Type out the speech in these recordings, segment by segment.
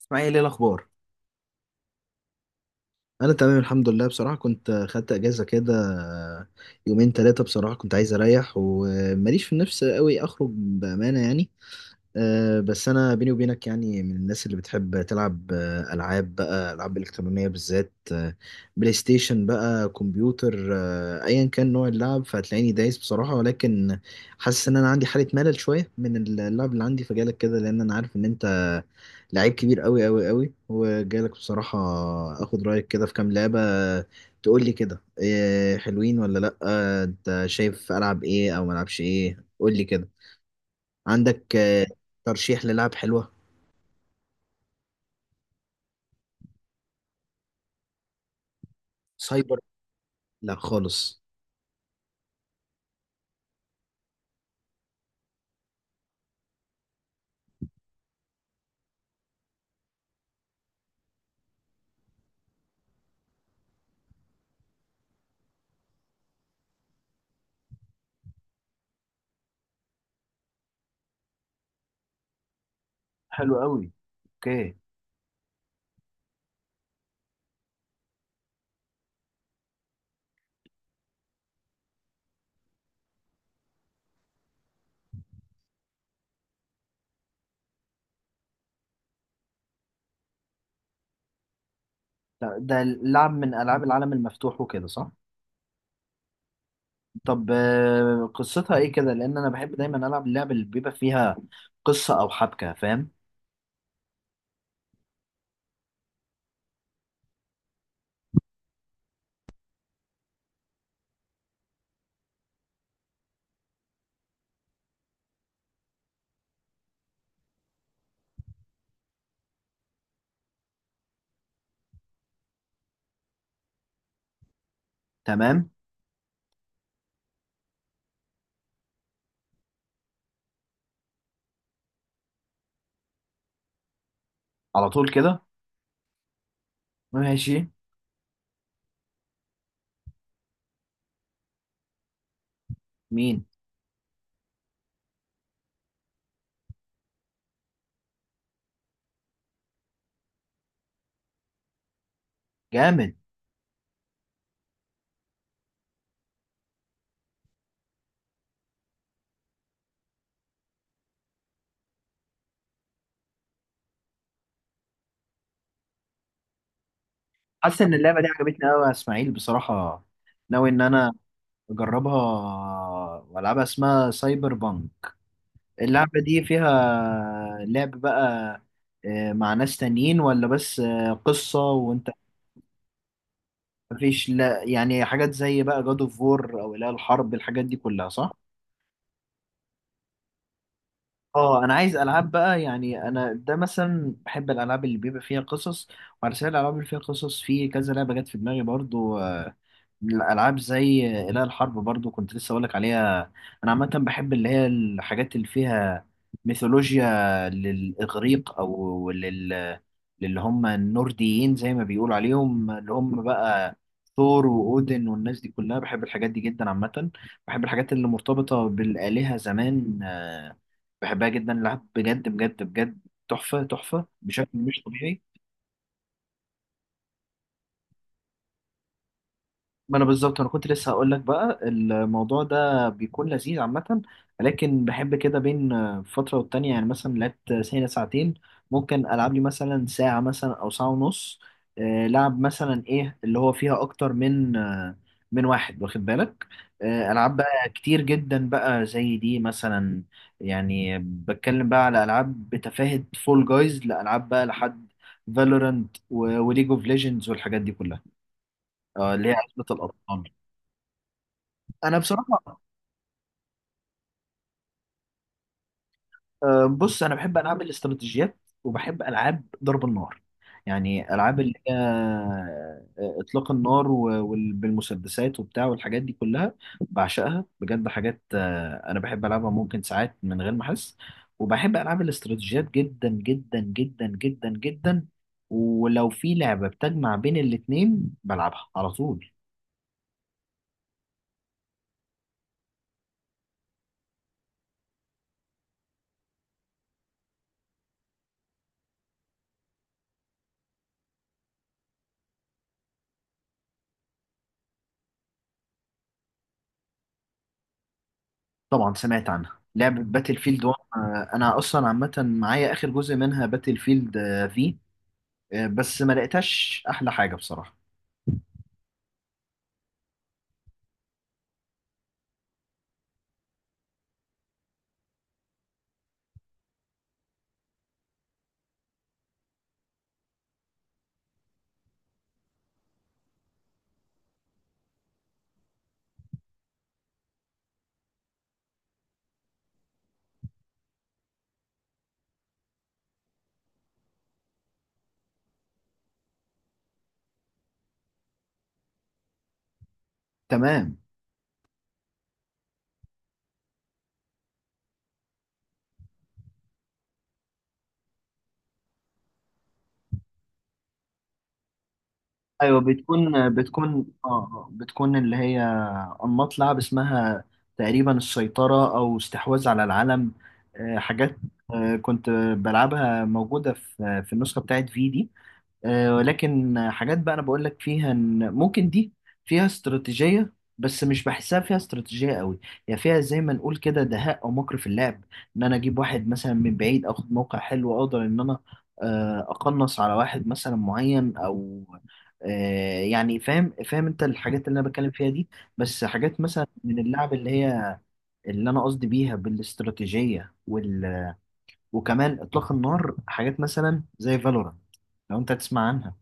اسماعيل، ايه الاخبار؟ انا تمام الحمد لله. بصراحه كنت خدت اجازه كده يومين ثلاثه. بصراحه كنت عايز اريح وماليش في النفس قوي اخرج بامانه يعني. بس انا بيني وبينك يعني من الناس اللي بتحب تلعب، العاب بقى، العاب الكترونيه بالذات، بلاي ستيشن بقى، كمبيوتر، ايا كان نوع اللعب فهتلاقيني دايس بصراحه. ولكن حاسس ان انا عندي حاله ملل شويه من اللعب اللي عندي، فجالك كده لان انا عارف ان انت لعيب كبير قوي قوي قوي، وجالك بصراحه اخد رايك كده في كام لعبه. تقول لي كده إيه حلوين ولا لا، انت شايف العب ايه او ما العبش ايه؟ قول لي كده عندك ترشيح للعب حلوة. سايبر. لا خالص. حلو قوي. اوكي. لا، ده لعب من العاب العالم المفتوح وكده صح؟ طب، قصتها ايه كده؟ لان انا بحب دايما العب اللعب اللي بيبقى فيها قصة او حبكة، فاهم؟ تمام. على طول كده. ماشي. مين. جامد. حاسس ان اللعبة دي عجبتني قوي يا اسماعيل بصراحة. ناوي ان انا اجربها والعبها. اسمها سايبر بانك. اللعبة دي فيها لعب بقى مع ناس تانيين ولا بس قصة وانت؟ مفيش؟ لا يعني حاجات زي بقى جاد اوف وور، او لا الحرب، الحاجات دي كلها صح؟ اه، انا عايز العاب بقى، يعني انا ده مثلا بحب الالعاب اللي بيبقى فيها قصص. وعلى سبيل الالعاب اللي فيها قصص، في كذا لعبة جت في دماغي برضو. الألعاب زي إله الحرب برضو كنت لسه أقولك عليها. أنا عامة بحب اللي هي الحاجات اللي فيها ميثولوجيا للإغريق أو للي هم النورديين زي ما بيقولوا عليهم، اللي هم بقى ثور وأودن والناس دي كلها. بحب الحاجات دي جدا عامة. بحب الحاجات اللي مرتبطة بالآلهة زمان، بحبها جدا. لعب بجد بجد بجد، تحفة تحفة بشكل مش طبيعي. ما انا بالظبط انا كنت لسه هقول لك بقى الموضوع ده بيكون لذيذ عامه. لكن بحب كده بين فتره والتانيه، يعني مثلا لعبت سنه ساعتين، ممكن العب لي مثلا ساعه، مثلا او ساعه ونص، لعب مثلا ايه اللي هو فيها اكتر من من واحد، واخد بالك؟ العاب بقى كتير جدا بقى زي دي مثلا، يعني بتكلم بقى على العاب بتفاهة فول جايز لالعاب بقى لحد فالورانت وليج اوف ليجندز والحاجات دي كلها، اللي هي عزبة الأطفال. انا بصراحه، بص، انا بحب العاب الاستراتيجيات وبحب العاب ضرب النار. يعني العاب اللي هي، اطلاق النار بالمسدسات وبتاع والحاجات دي كلها، بعشقها بجد. حاجات انا بحب العبها ممكن ساعات من غير ما احس. وبحب العاب الاستراتيجيات جدا جدا جدا جدا جدا. ولو في لعبه بتجمع بين الاتنين بلعبها على طول. طبعا سمعت عنها لعبة باتل فيلد 1. انا اصلا عامة معايا اخر جزء منها باتل فيلد، في بس ما لقيتهاش احلى حاجة بصراحة. تمام. ايوه، بتكون بتكون اه آه، بتكون اللي هي انماط لعب اسمها تقريبا السيطرة او استحواذ على العالم، حاجات كنت بلعبها موجودة في النسخة بتاعت في دي، ولكن حاجات بقى انا بقول لك فيها ان ممكن دي فيها استراتيجية، بس مش بحسها فيها استراتيجية قوي. هي فيها زي ما نقول كده دهاء او مكر في اللعب، ان انا اجيب واحد مثلا من بعيد اخد موقع حلو اقدر ان انا اقنص على واحد مثلا معين، او يعني فاهم فاهم انت الحاجات اللي انا بتكلم فيها دي. بس حاجات مثلا من اللعب اللي هي، اللي انا قصدي بيها بالاستراتيجية وكمان اطلاق النار، حاجات مثلا زي فالورانت، لو انت تسمع عنها،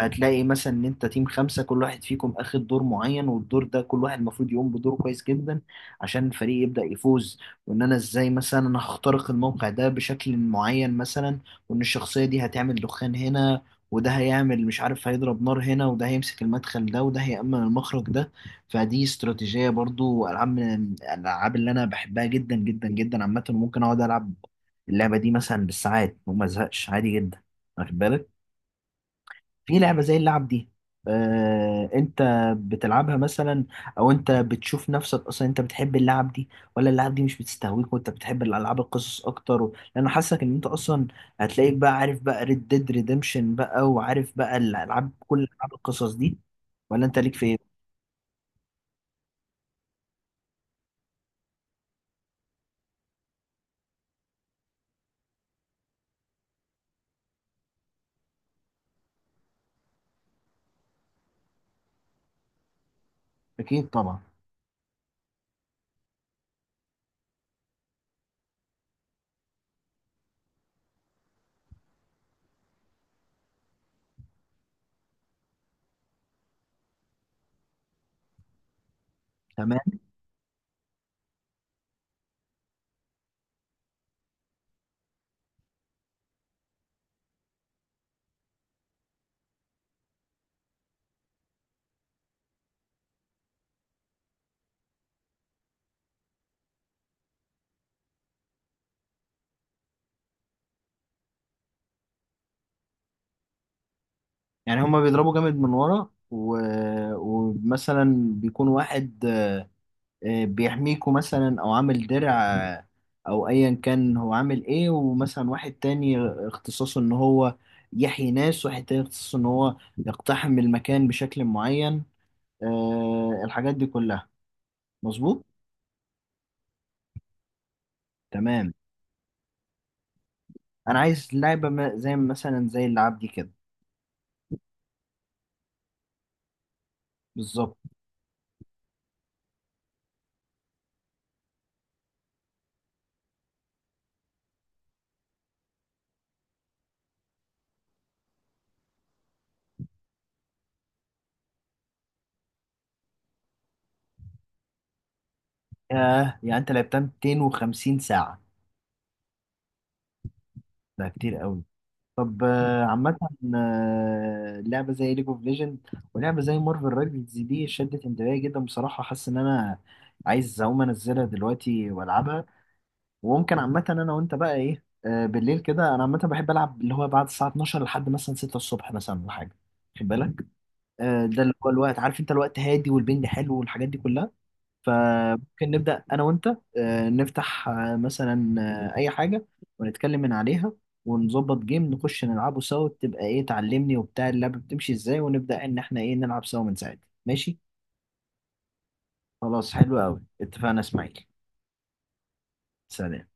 هتلاقي مثلا ان انت تيم خمسة، كل واحد فيكم اخد دور معين، والدور ده كل واحد المفروض يقوم بدور كويس جدا عشان الفريق يبدأ يفوز. وان انا ازاي مثلا انا هخترق الموقع ده بشكل معين مثلا، وان الشخصية دي هتعمل دخان هنا، وده هيعمل مش عارف هيضرب نار هنا، وده هيمسك المدخل ده، وده هيأمن المخرج ده. فدي استراتيجية. برضو ألعاب من الألعاب اللي أنا بحبها جدا جدا جدا عامة، وممكن أقعد ألعب اللعبة دي مثلا بالساعات وما أزهقش عادي جدا، واخد بالك؟ في لعبة زي اللعب دي، انت بتلعبها مثلا، او انت بتشوف نفسك اصلا انت بتحب اللعب دي ولا اللعب دي مش بتستهويك وانت بتحب الالعاب القصص اكتر لان حاسك ان انت اصلا هتلاقيك بقى عارف بقى ريد ديد ريديمشن بقى وعارف بقى الالعاب، كل العاب القصص دي، ولا انت ليك في ايه؟ اكيد طبعا. تمام. يعني هما بيضربوا جامد من ورا ومثلا بيكون واحد بيحميكوا مثلا او عامل درع، او ايا كان هو عامل ايه. ومثلا واحد تاني اختصاصه ان هو يحيي ناس، واحد تاني اختصاصه ان هو يقتحم المكان بشكل معين، الحاجات دي كلها. مظبوط. تمام. انا عايز لعبة زي مثلا زي اللعب دي كده. بالظبط. آه يعني انت لعبتها 250 ساعة؟ ده كتير قوي. طب، عامة لعبة زي ليج اوف ليجند ولعبة زي مارفل رايفلز دي شدت انتباهي جدا بصراحة. حاسس ان انا عايز اقوم انزلها دلوقتي والعبها. وممكن عامة انا وانت بقى ايه، بالليل كده انا عامة بحب العب اللي هو بعد الساعة 12 لحد مثلا 6 الصبح مثلا ولا حاجة، خد بالك؟ ده اللي هو الوقت، عارف انت الوقت هادي والبنج حلو والحاجات دي كلها. فممكن نبدأ أنا وأنت، نفتح مثلا أي حاجة، ونتكلم من عليها ونظبط جيم نخش نلعبه سوا، تبقى إيه تعلمني وبتاع اللعبة بتمشي إزاي، ونبدأ إن إحنا إيه نلعب سوا من ساعتها، ماشي؟ خلاص حلو أوي، اتفقنا إسماعيل. سلام.